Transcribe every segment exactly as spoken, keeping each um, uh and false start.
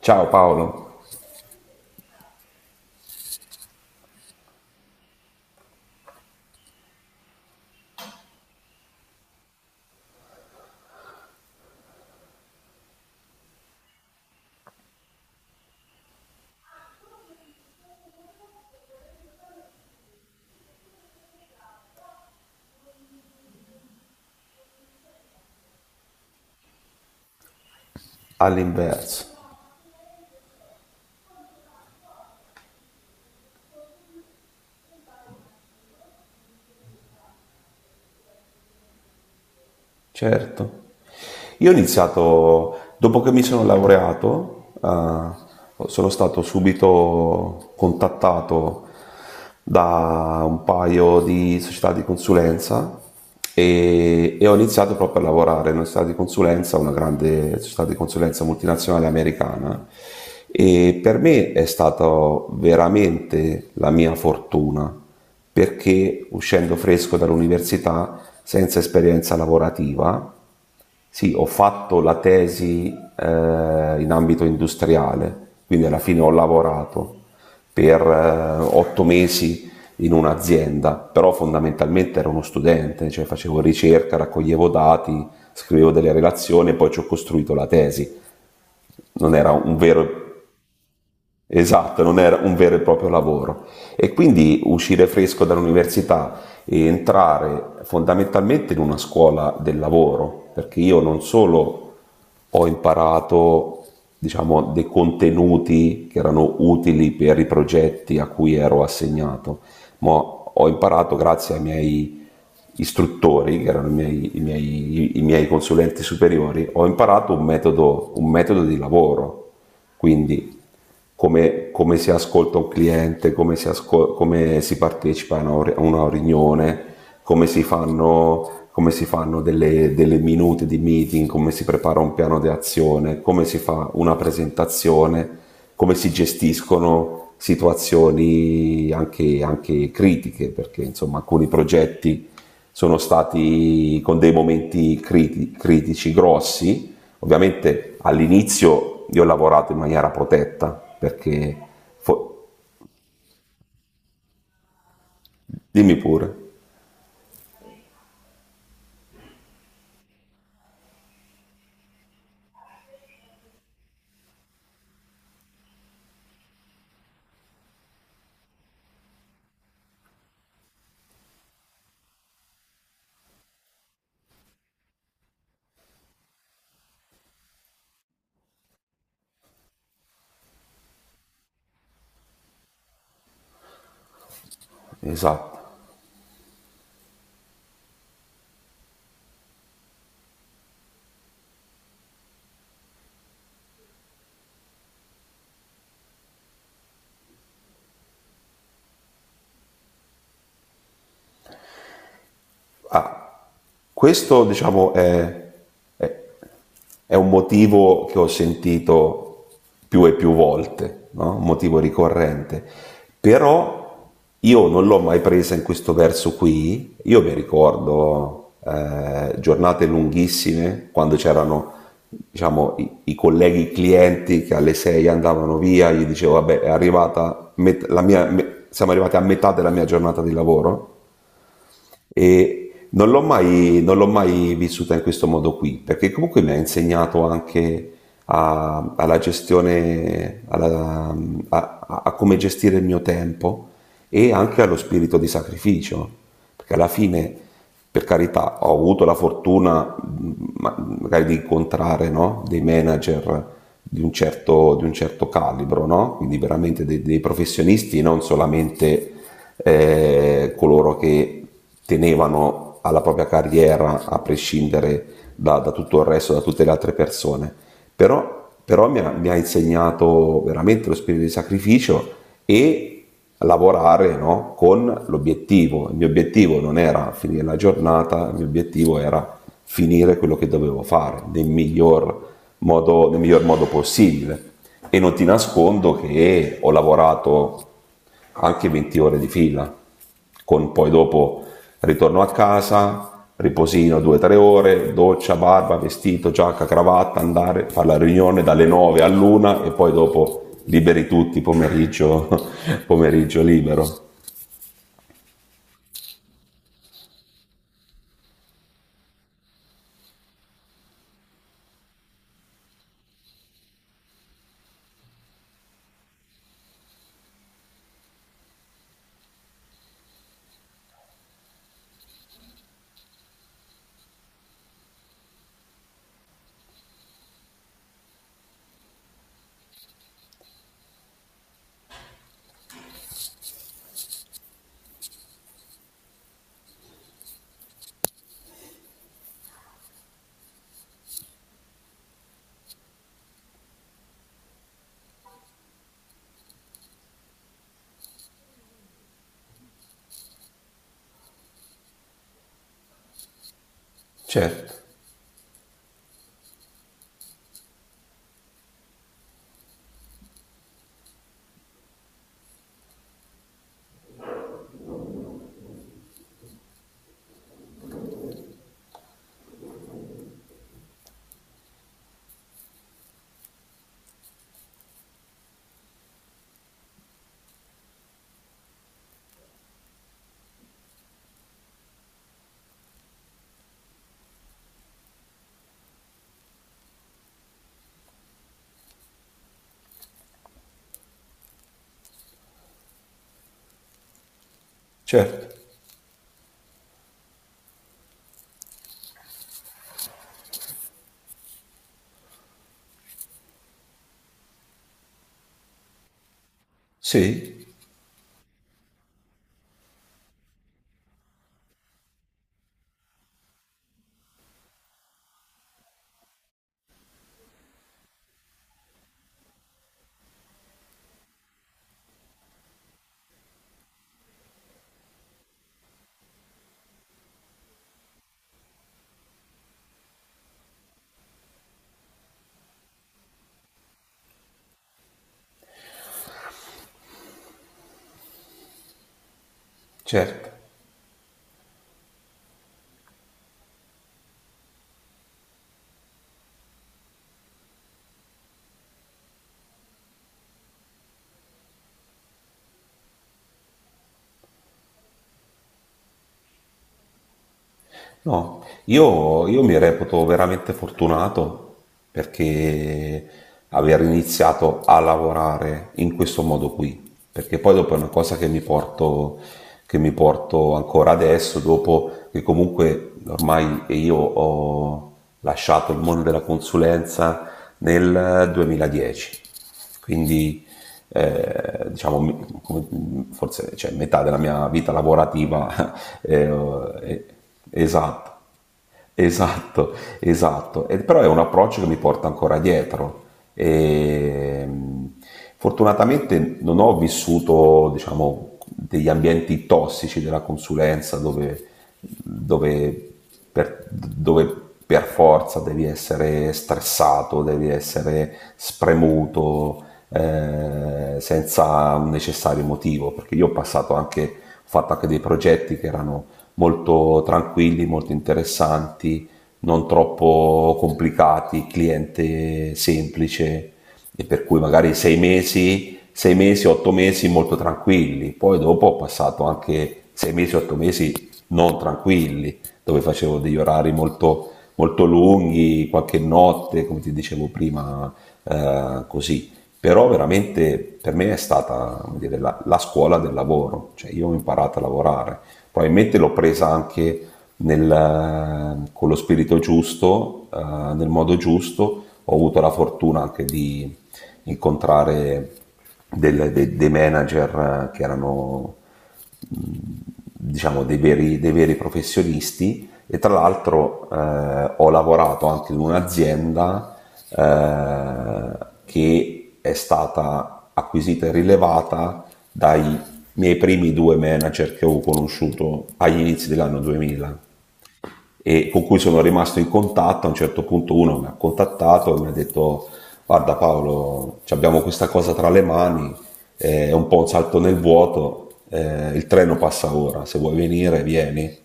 Ciao Paolo, all'inverso. Certo. Io ho iniziato, dopo che mi sono laureato, eh, sono stato subito contattato da un paio di società di consulenza e, e ho iniziato proprio a lavorare in una società di consulenza, una grande società di consulenza multinazionale americana e per me è stata veramente la mia fortuna perché uscendo fresco dall'università senza esperienza lavorativa sì, ho fatto la tesi eh, in ambito industriale, quindi alla fine ho lavorato per eh, otto mesi in un'azienda, però fondamentalmente ero uno studente, cioè facevo ricerca, raccoglievo dati, scrivevo delle relazioni e poi ci ho costruito la tesi. Non era un vero esatto, non era un vero e proprio lavoro. E quindi uscire fresco dall'università e entrare fondamentalmente in una scuola del lavoro, perché io non solo ho imparato, diciamo, dei contenuti che erano utili per i progetti a cui ero assegnato, ma ho imparato grazie ai miei istruttori, che erano i miei, i miei, i miei consulenti superiori, ho imparato un metodo, un metodo di lavoro. Quindi come, come si ascolta un cliente, come si, ascol- come si partecipa a una, a una riunione, come si fanno, come si fanno delle, delle minute di meeting, come si prepara un piano di azione, come si fa una presentazione, come si gestiscono situazioni anche, anche critiche, perché insomma alcuni progetti sono stati con dei momenti criti- critici grossi. Ovviamente all'inizio io ho lavorato in maniera protetta perché... Dimmi pure, esatto. Questo, diciamo, è, è- è un motivo che ho sentito più e più volte, no? Un motivo ricorrente. Però io non l'ho mai presa in questo verso qui. Io mi ricordo eh, giornate lunghissime quando c'erano, diciamo, i, i colleghi i clienti che alle sei andavano via, gli dicevo, vabbè, è arrivata met- la mia, me- siamo arrivati a metà della mia giornata di lavoro e non l'ho mai, non l'ho mai vissuta in questo modo qui, perché comunque mi ha insegnato anche a- alla gestione, alla- a, a- a come gestire il mio tempo e anche allo spirito di sacrificio, perché alla fine, per carità, ho avuto la fortuna mh, ma- magari di incontrare, no, dei manager di un certo, di un certo calibro, no? Quindi veramente dei, dei professionisti, non solamente eh, coloro che tenevano alla propria carriera a prescindere da, da tutto il resto, da tutte le altre persone. Però, però mi, ha, mi ha insegnato veramente lo spirito di sacrificio e lavorare no, con l'obiettivo. Il mio obiettivo non era finire la giornata, il mio obiettivo era finire quello che dovevo fare nel miglior modo, nel miglior modo possibile. E non ti nascondo che ho lavorato anche 20 ore di fila con poi dopo ritorno a casa, riposino 2-3 ore, doccia, barba, vestito, giacca, cravatta, andare, fare la riunione dalle nove all'una e poi dopo liberi tutti, pomeriggio, pomeriggio libero. Certo, certo, sì, certo. No, io, io mi reputo veramente fortunato perché aver iniziato a lavorare in questo modo qui, perché poi dopo è una cosa che mi porto, che mi porto ancora adesso, dopo che comunque ormai io ho lasciato il mondo della consulenza nel duemiladieci. Quindi, eh, diciamo, forse cioè, metà della mia vita lavorativa eh, esatto. Esatto, esatto. E- però è un approccio che mi porta ancora dietro. E, mh, Fortunatamente non ho vissuto, diciamo, degli ambienti tossici della consulenza dove, dove per, dove per forza devi essere stressato, devi essere spremuto, eh, senza un necessario motivo, perché io ho passato anche, ho fatto anche dei progetti che erano molto tranquilli, molto interessanti, non troppo complicati, cliente semplice e per cui magari sei mesi, sei mesi, otto mesi molto tranquilli, poi dopo ho passato anche sei mesi, otto mesi non tranquilli dove facevo degli orari molto, molto lunghi, qualche notte, come ti dicevo prima, eh, così. Però veramente per me è stata come dire, la, la scuola del lavoro, cioè io ho imparato a lavorare, probabilmente l'ho presa anche nel- con lo spirito giusto, eh, nel modo giusto, ho avuto la fortuna anche di incontrare del- de- dei manager eh, che erano diciamo, dei veri, dei veri professionisti e tra l'altro eh, ho lavorato anche in un'azienda eh, che è stata acquisita e rilevata dai miei primi due manager che ho conosciuto agli inizi dell'anno duemila e con cui sono rimasto in contatto. A un certo punto uno mi ha contattato e mi ha detto guarda Paolo, abbiamo questa cosa tra le mani, è un po' un salto nel vuoto, eh, il treno passa ora, se vuoi venire vieni.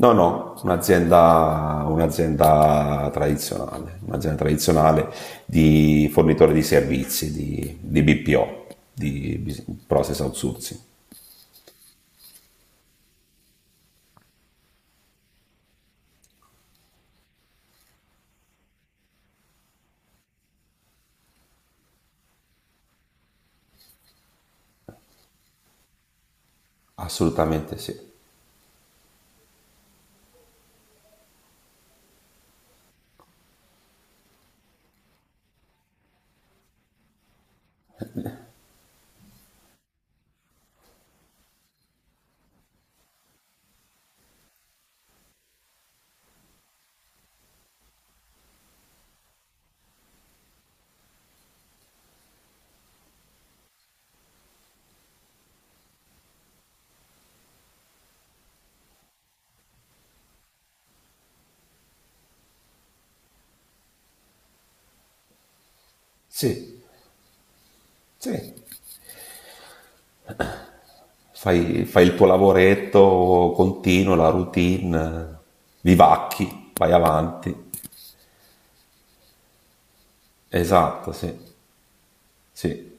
No, no, un'azienda, un'azienda tradizionale, un'azienda tradizionale di fornitore di servizi, di, di B P O, di Business Process Outsourcing. Assolutamente sì. Sì, sì, fai, fai il tuo lavoretto continuo, la routine, vivacchi, vai avanti. Esatto, sì, sì.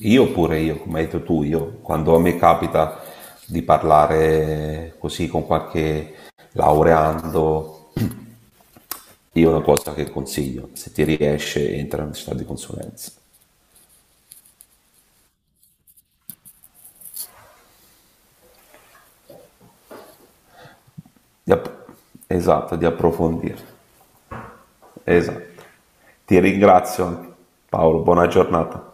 Io pure io, come hai detto tu, io quando mi capita di parlare così con qualche laureando, io una cosa che consiglio, se ti riesce, entra in città di consulenza. Di app- esatto, di approfondire. Esatto. Ti ringrazio Paolo, buona giornata.